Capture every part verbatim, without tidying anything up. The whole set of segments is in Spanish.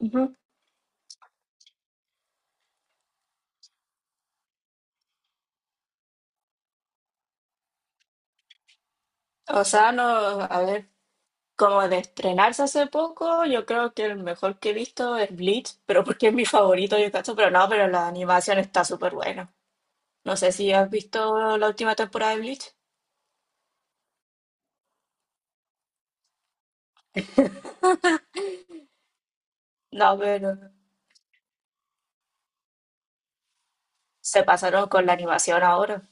Ujú. O sea, no, a ver, como de estrenarse hace poco, yo creo que el mejor que he visto es Bleach, pero porque es mi favorito, yo cacho, pero no, pero la animación está súper buena. No sé si has visto la última temporada de Bleach. No, pero se pasaron con la animación ahora.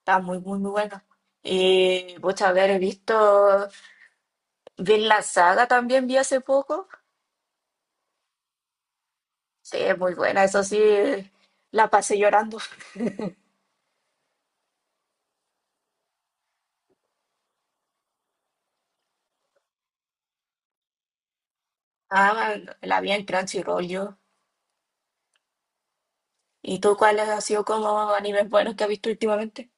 Está muy, muy, muy buena. Y, muchas a ver, he visto, vi la saga también, vi hace poco. Sí, es muy buena, eso sí, la pasé llorando. Ah, la vi en Crunchyroll yo. ¿Y tú cuáles han sido como animes buenos que has visto últimamente?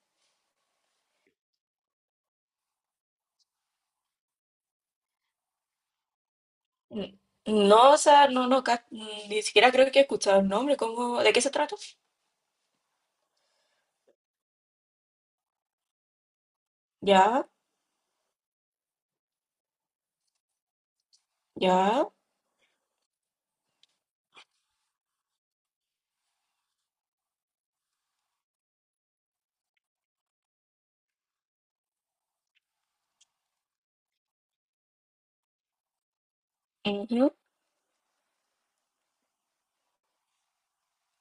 N- No, o sea, no, no, ca- ni siquiera creo que he escuchado el nombre. ¿Cómo, de qué se trata? Ya, ya, ujú,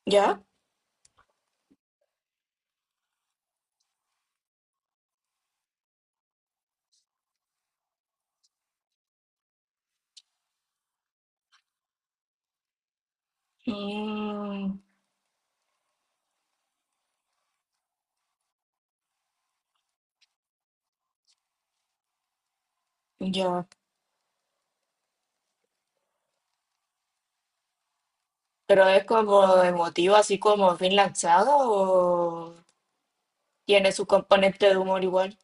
ya, mm, ya. Pero es como emotivo, así como bien lanzado, o tiene su componente de humor igual.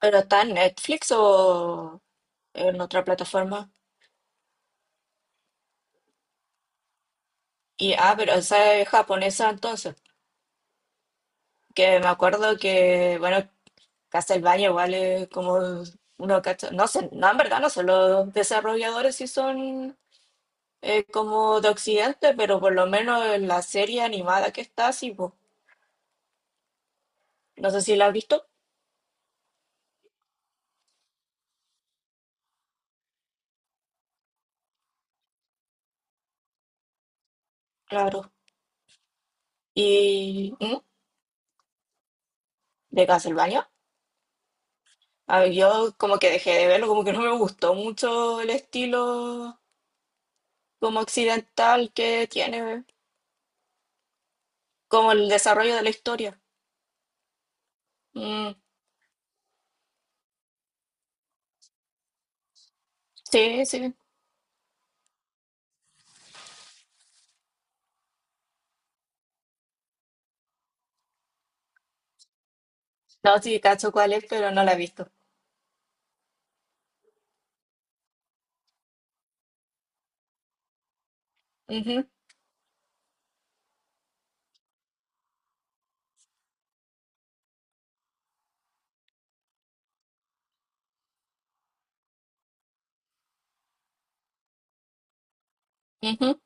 Pero está en Netflix o en otra plataforma. Y, ah, pero esa es japonesa entonces. Que me acuerdo que, bueno. Castlevania igual es como uno cacha- no sé, no, en verdad no sé, los desarrolladores sí son eh, como de Occidente, pero por lo menos en la serie animada que está, sí, po. No sé si la has visto, claro. Y ¿mm? De Castlevania, a ver, yo como que dejé de verlo, como que no me gustó mucho el estilo como occidental que tiene, como el desarrollo de la historia. Mm, sí, sí. No, sí, cacho cuál es, pero no la he visto. Ujú, ujú,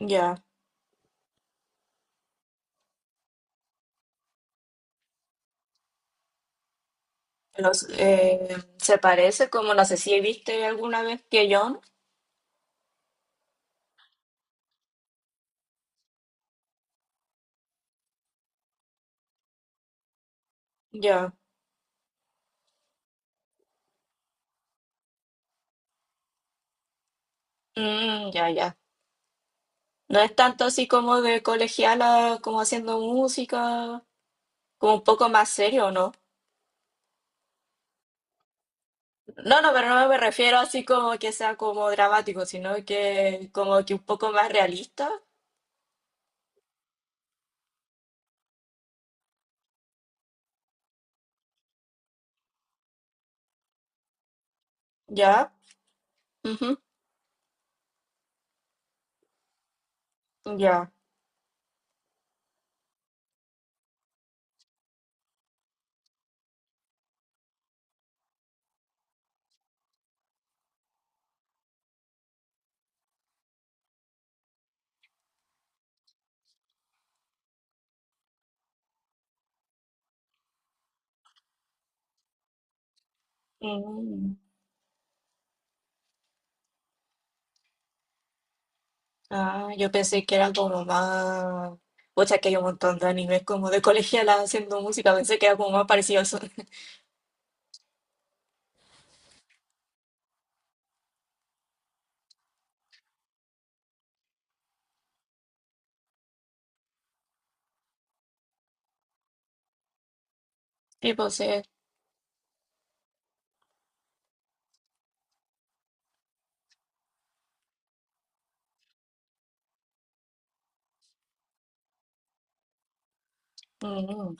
ya. Los, eh, se parece como, no sé si viste alguna vez, que John. Ya, mm, ya, ya. No es tanto así como de colegiala, como haciendo música, como un poco más serio, ¿no? No, no, pero no me refiero así como que sea como dramático, sino que como que un poco más realista, ya. Ujú, ya. Mm. Ah, yo pensé que era como más... Pucha, que hay un montón de animes como de colegiala haciendo música, pensé que era como más parecido a eso. Tipo, sí. Mm.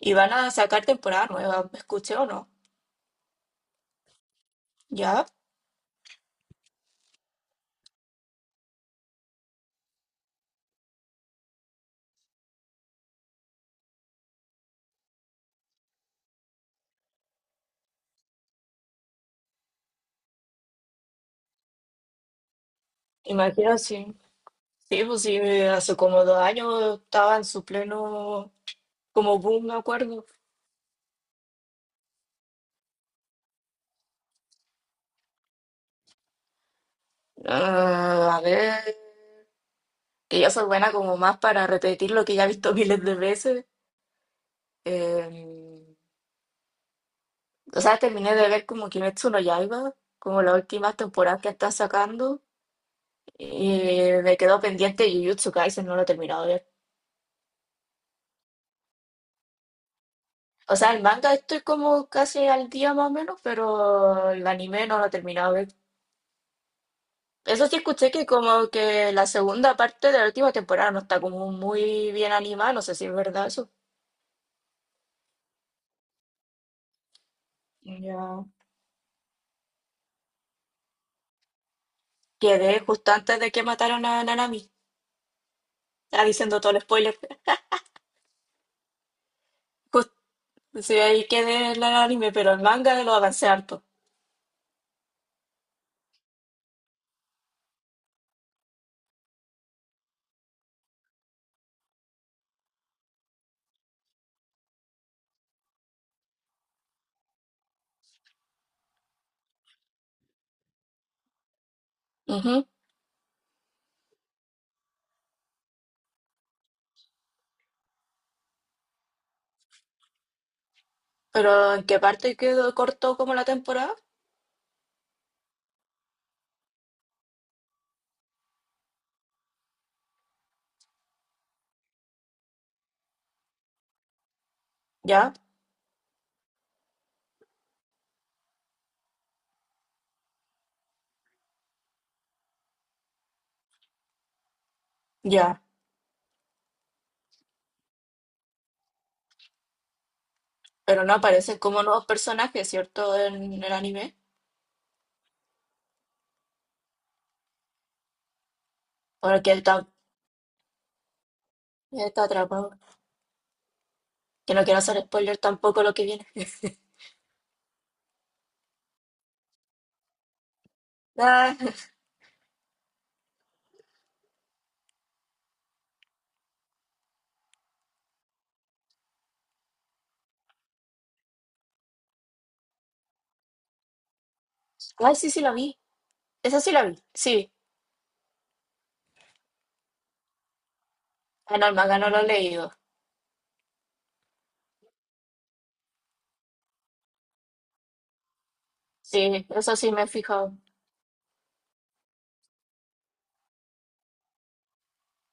Y van a sacar temporada nueva, escuché o no. Ya, imagino sí. Sí, pues sí, hace como dos años estaba en su pleno, como boom, me acuerdo. Ah, a ver, que yo soy buena como más para repetir lo que ya he visto miles de veces. Eh, o sea, terminé de ver como Kimetsu no Yaiba, como las últimas temporadas que está sacando. Y me quedó pendiente Jujutsu Kaisen, no lo he terminado. O sea, el manga estoy como casi al día más o menos, pero el anime no lo he terminado de ver. Eso sí, escuché que como que la segunda parte de la última temporada no está como muy bien animada, no sé si es verdad eso. Ya, quedé justo antes de que mataron a Nanami. Está diciendo todo el spoiler. Justo, sí, ahí quedé en el anime, pero el manga lo avancé harto. Ujú. Pero ¿en qué parte quedó corto como la temporada? Ya, ya. Pero no aparecen como nuevos personajes, ¿cierto? En el anime. Porque está atrapado. Que no quiero hacer spoiler tampoco lo que viene. Ah, ay, sí, sí la vi. Esa sí la vi. Sí. En Almaga no lo he leído. Sí, eso sí me he fijado.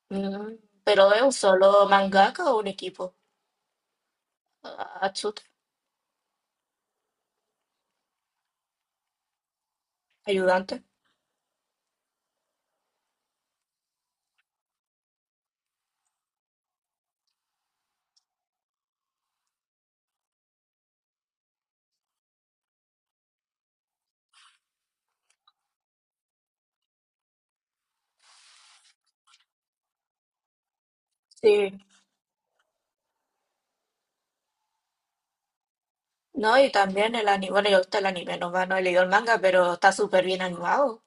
Mm, pero ¿es un solo mangaka o un equipo? Ah, Atsuta, ayudante. Sí. No, y también el anime. Bueno, yo gusta el anime, no, no he leído el manga, pero está súper bien animado.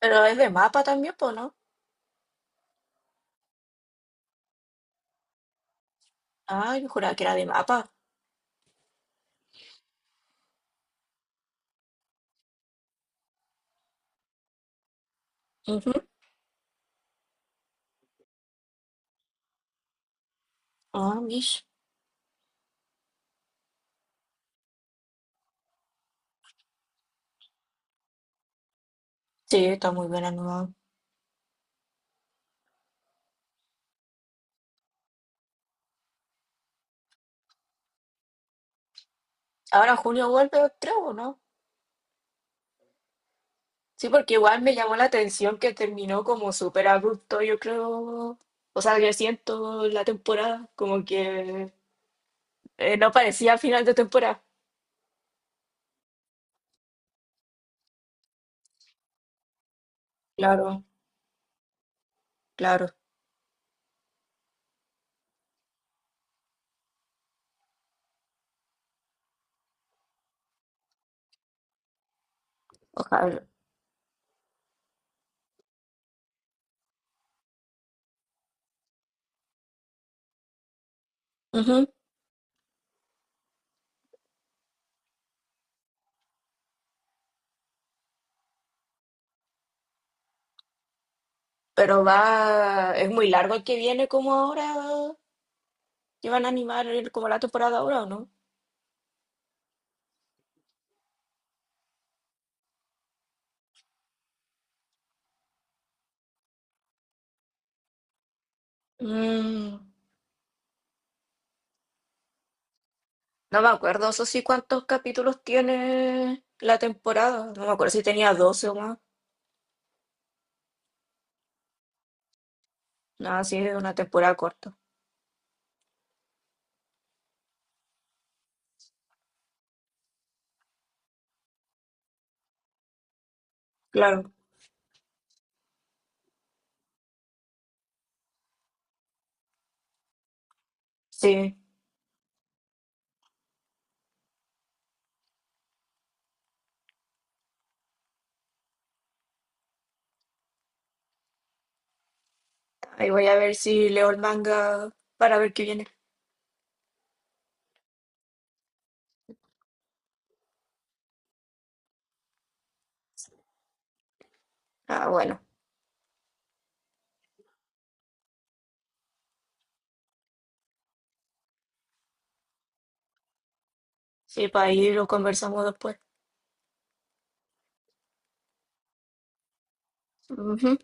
Pero es de mapa también, pues, ¿no? Ah, yo juraba que era de mapa. Ujú. Ah, mish. Sí, está muy bien animado. Ahora en junio vuelve, creo, ¿no? Sí, porque igual me llamó la atención que terminó como súper abrupto, yo creo. O sea, yo siento la temporada, como que eh, no parecía final de temporada. Claro, claro, ojalá. Ujú. Pero va, es muy largo el que viene como ahora. ¿Que van a animar el- como la temporada ahora o no? Mm, no me acuerdo, eso sí, cuántos capítulos tiene la temporada. No me acuerdo si tenía doce o más. Nada, sí, es una temporada corta. Claro, sí. Ahí voy a ver si leo el manga para ver qué viene. Ah, bueno. Sí, para ahí lo conversamos después. Ujú.